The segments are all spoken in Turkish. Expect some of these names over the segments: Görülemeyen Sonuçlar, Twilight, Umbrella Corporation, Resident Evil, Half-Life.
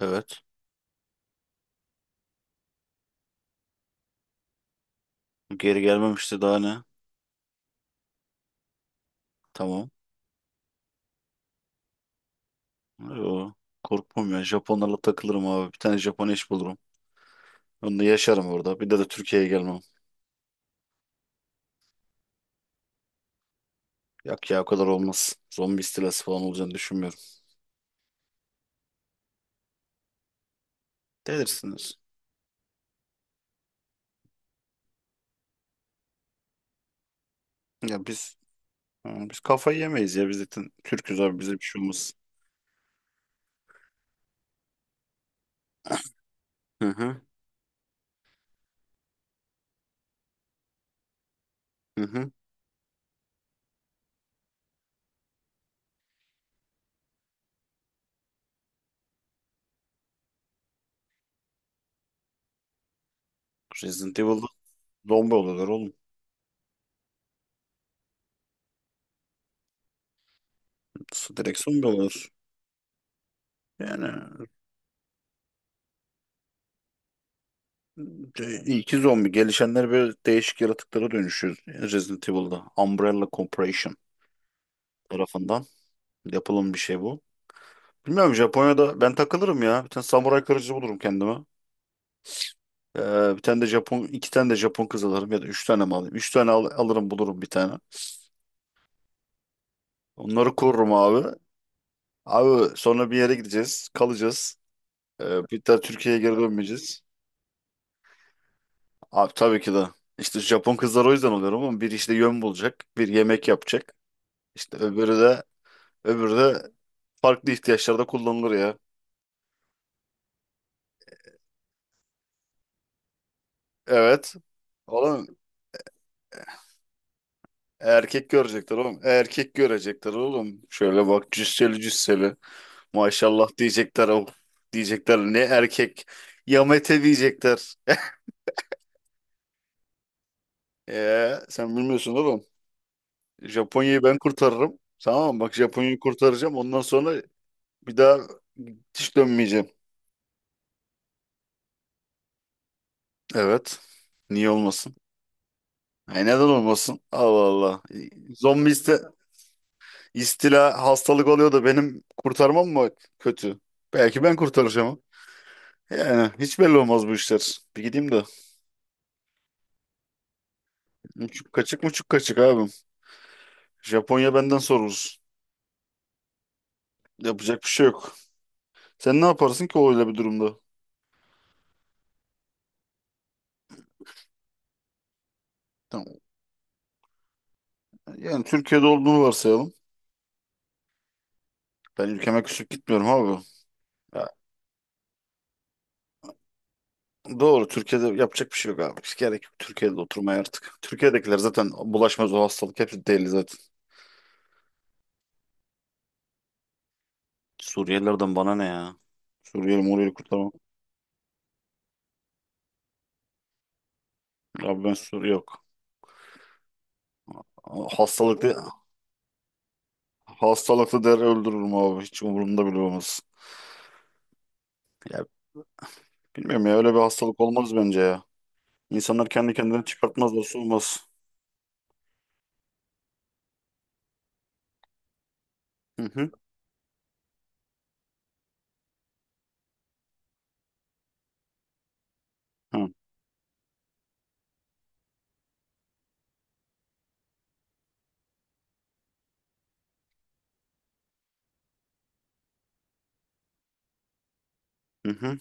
Evet. Geri gelmemişti daha ne? Tamam. Yo, korkmam ya. Japonlarla takılırım abi. Bir tane Japon eş bulurum. Onunla yaşarım orada. Bir de Türkiye'ye gelmem. Yok ya o kadar olmaz. Zombi istilası falan olacağını düşünmüyorum. Delirsiniz. Ya biz ha, biz kafayı yemeyiz ya. Biz zaten Türk'üz abi. Bize bir şey olmaz. Hı hı. Hı hı. Resident Evil'da zombi oluyorlar oğlum. Direkt zombi oluyorlar. Yani iyi ki zombi. Gelişenler böyle değişik yaratıklara dönüşüyor. Resident Evil'da. Umbrella Corporation tarafından. Yapılım bir şey bu. Bilmiyorum Japonya'da ben takılırım ya. Bir tane samuray kılıcı bulurum kendime. Bir tane de Japon, iki tane de Japon kız alırım ya da üç tane mi alayım? Üç tane alırım bulurum bir tane. Onları korurum abi. Abi sonra bir yere gideceğiz, kalacağız. Bir daha Türkiye'ye geri dönmeyeceğiz. Abi tabii ki de. İşte Japon kızlar o yüzden oluyor ama bir işte yön bulacak, bir yemek yapacak. İşte öbürü de farklı ihtiyaçlarda kullanılır ya. Evet. Oğlum. Erkek görecekler oğlum. Erkek görecekler oğlum. Şöyle bak cüsseli cüsseli. Maşallah diyecekler oğlum. Diyecekler ne erkek. Yamete diyecekler. Sen bilmiyorsun oğlum. Japonya'yı ben kurtarırım. Tamam mı? Bak Japonya'yı kurtaracağım. Ondan sonra bir daha hiç dönmeyeceğim. Evet. Niye olmasın? Ay neden olmasın? Allah Allah. Zombi istila hastalık oluyor da benim kurtarmam mı kötü? Belki ben kurtaracağım. Yani hiç belli olmaz bu işler. Bir gideyim de. Muçuk kaçık muçuk kaçık abim. Japonya benden sorulur. Yapacak bir şey yok. Sen ne yaparsın ki öyle bir durumda? Tamam. Yani Türkiye'de olduğunu varsayalım. Ben ülkeme küsüp gitmiyorum abi. Ya, doğru Türkiye'de yapacak bir şey yok abi. Hiç gerek yok Türkiye'de oturmaya artık. Türkiye'dekiler zaten bulaşmaz o hastalık. Hepsi deli zaten. Suriyelilerden bana ne ya? Suriyeli Muriyeli kurtarmam. Abi ben Suriye yok. Hastalıklı, hastalıklı der öldürürüm abi. Hiç umurumda bile olmaz. Ya, bilmiyorum ya öyle bir hastalık olmaz bence ya. İnsanlar kendi kendine çıkartmazlar soğumaz. Hı hı. Hı hı. Hı.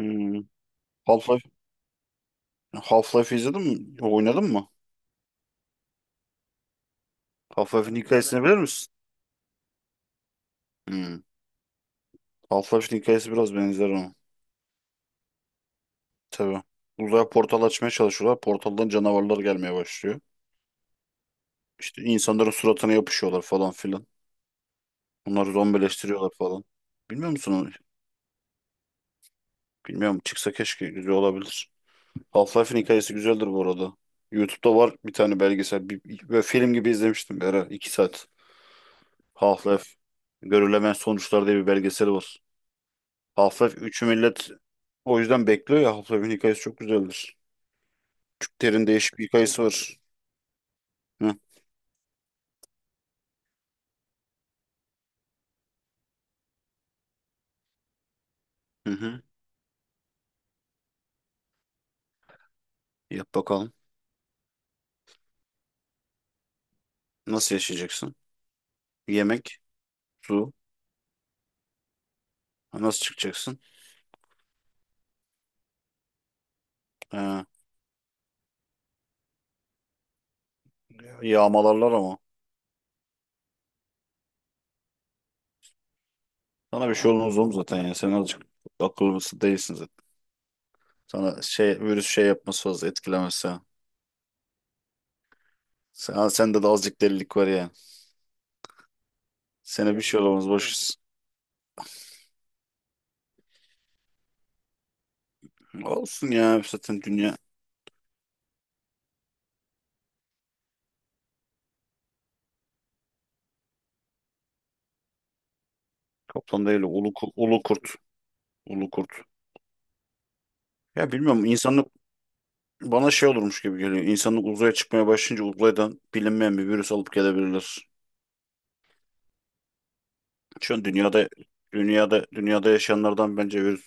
Hı. Half-Life Half-Life izledin mi? Oynadın mı? Half-Life'in hikayesini bilir misin? Hı. Half-Life'in hikayesi biraz benzer ona. Tabii. Uzaya portal açmaya çalışıyorlar. Portaldan canavarlar gelmeye başlıyor. İşte insanların suratına yapışıyorlar falan filan. Onları zombileştiriyorlar falan. Bilmiyor musun onu? Bilmiyorum. Çıksa keşke güzel olabilir. Half-Life'in hikayesi güzeldir bu arada. YouTube'da var bir tane belgesel. Bir, böyle film gibi izlemiştim bir ara. 2 saat. Half-Life. Görülemeyen Sonuçlar diye bir belgeseli var. Half-Life 3'ü millet o yüzden bekliyor ya. Half-Life'in hikayesi çok güzeldir. Türklerin değişik bir hikayesi var. Hı, hı hı. Yap bakalım. Nasıl yaşayacaksın? Yemek, su. Ha, nasıl çıkacaksın? Ha, yağmalarlar ama. Sana bir şey olmaz oğlum zaten ya. Sen azıcık akıllısı değilsin zaten. Sana şey virüs şey yapması fazla etkilemez. Sende de azıcık delilik var ya. Sene bir şey olamaz. Hı. Boş ver. Olsun ya zaten dünya kaplan değil ulu, ulu kurt. Ulu kurt. Ya bilmiyorum insanlık bana şey olurmuş gibi geliyor. İnsanlık uzaya çıkmaya başlayınca uzaydan bilinmeyen bir virüs alıp gelebilirler. Şu an dünyada yaşayanlardan bence virüs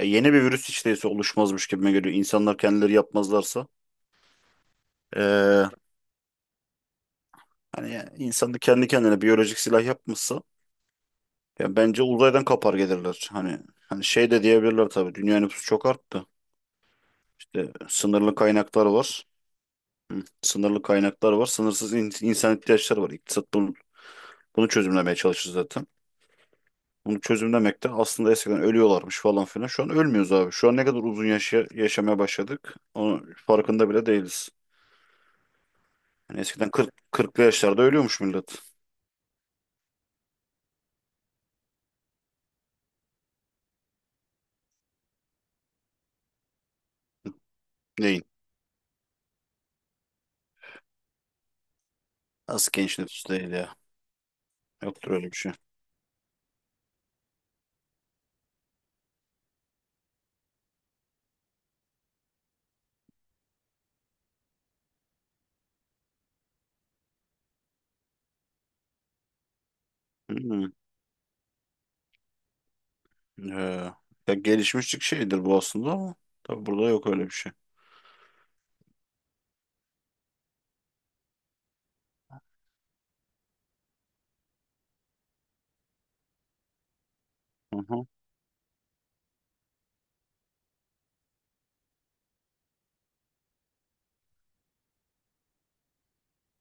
ya yeni bir virüs hiç değilse oluşmazmış gibime geliyor. İnsanlar kendileri yapmazlarsa. Ee, hani ya, insan da kendi kendine biyolojik silah yapmışsa. Ya bence uzaydan kapar gelirler. Hani şey de diyebilirler tabii. Dünya nüfusu çok arttı. İşte sınırlı kaynaklar var. Sınırlı kaynaklar var. Sınırsız insan ihtiyaçları var. İktisat bunu çözümlemeye çalışır zaten. Bunu çözümlemek de aslında eskiden ölüyorlarmış falan filan. Şu an ölmüyoruz abi. Şu an ne kadar uzun yaşamaya başladık. Onun farkında bile değiliz. Yani eskiden 40'lı yaşlarda ölüyormuş millet. Neyin? Az genç nüfus değil ya. Yoktur öyle bir şey. Hmm. Ee, ya gelişmişlik şeydir bu aslında ama tabii burada yok öyle bir şey. Aha,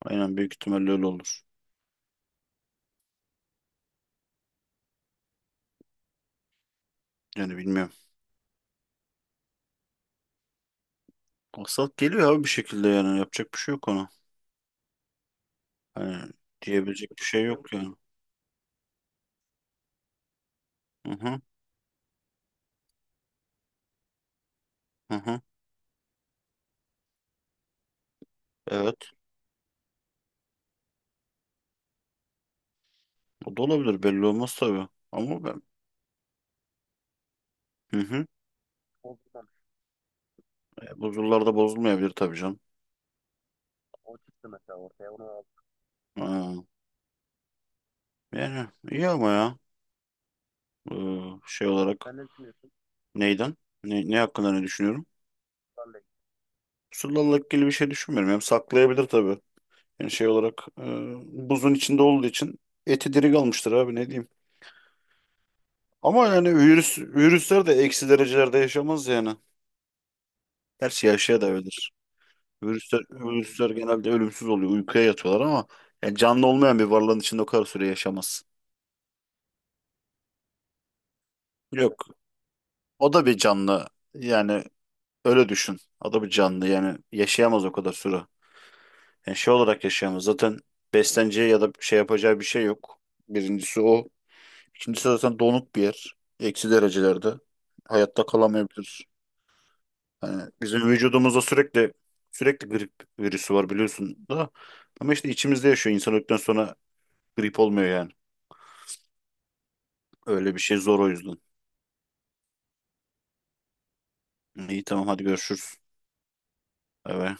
aynen büyük ihtimalle öyle olur. Yani bilmiyorum. Aksat geliyor abi bir şekilde yani yapacak bir şey yok ona. Hani diyebilecek bir şey yok yani. Hı hı hı. Hı. Evet. O da olabilir belli olmaz tabii. Ama ben. Hı hı. E, bu yıllarda bozulmayabilir tabii canım. Ha, yani iyi ama ya. Ee, şey olarak neyden? Ne hakkında ne düşünüyorum? Pusulla ilgili bir şey düşünmüyorum. Hem saklayabilir tabii. Yani şey olarak buzun içinde olduğu için eti diri kalmıştır abi ne diyeyim. Ama yani virüsler de eksi derecelerde yaşamaz yani. Gerçi yaşaya da öyledir. Virüsler genelde ölümsüz oluyor. Uykuya yatıyorlar ama yani canlı olmayan bir varlığın içinde o kadar süre yaşamaz. Yok. O da bir canlı. Yani öyle düşün. O da bir canlı. Yani yaşayamaz o kadar süre. Yani şey olarak yaşayamaz. Zaten besleneceği ya da şey yapacağı bir şey yok. Birincisi o. İkincisi zaten donuk bir yer. Eksi derecelerde. Hayatta kalamayabilir. Yani bizim vücudumuzda sürekli sürekli grip virüsü var biliyorsun da. Ama işte içimizde yaşıyor. İnsan öldükten sonra grip olmuyor yani. Öyle bir şey zor o yüzden. İyi tamam hadi görüşürüz. Evet.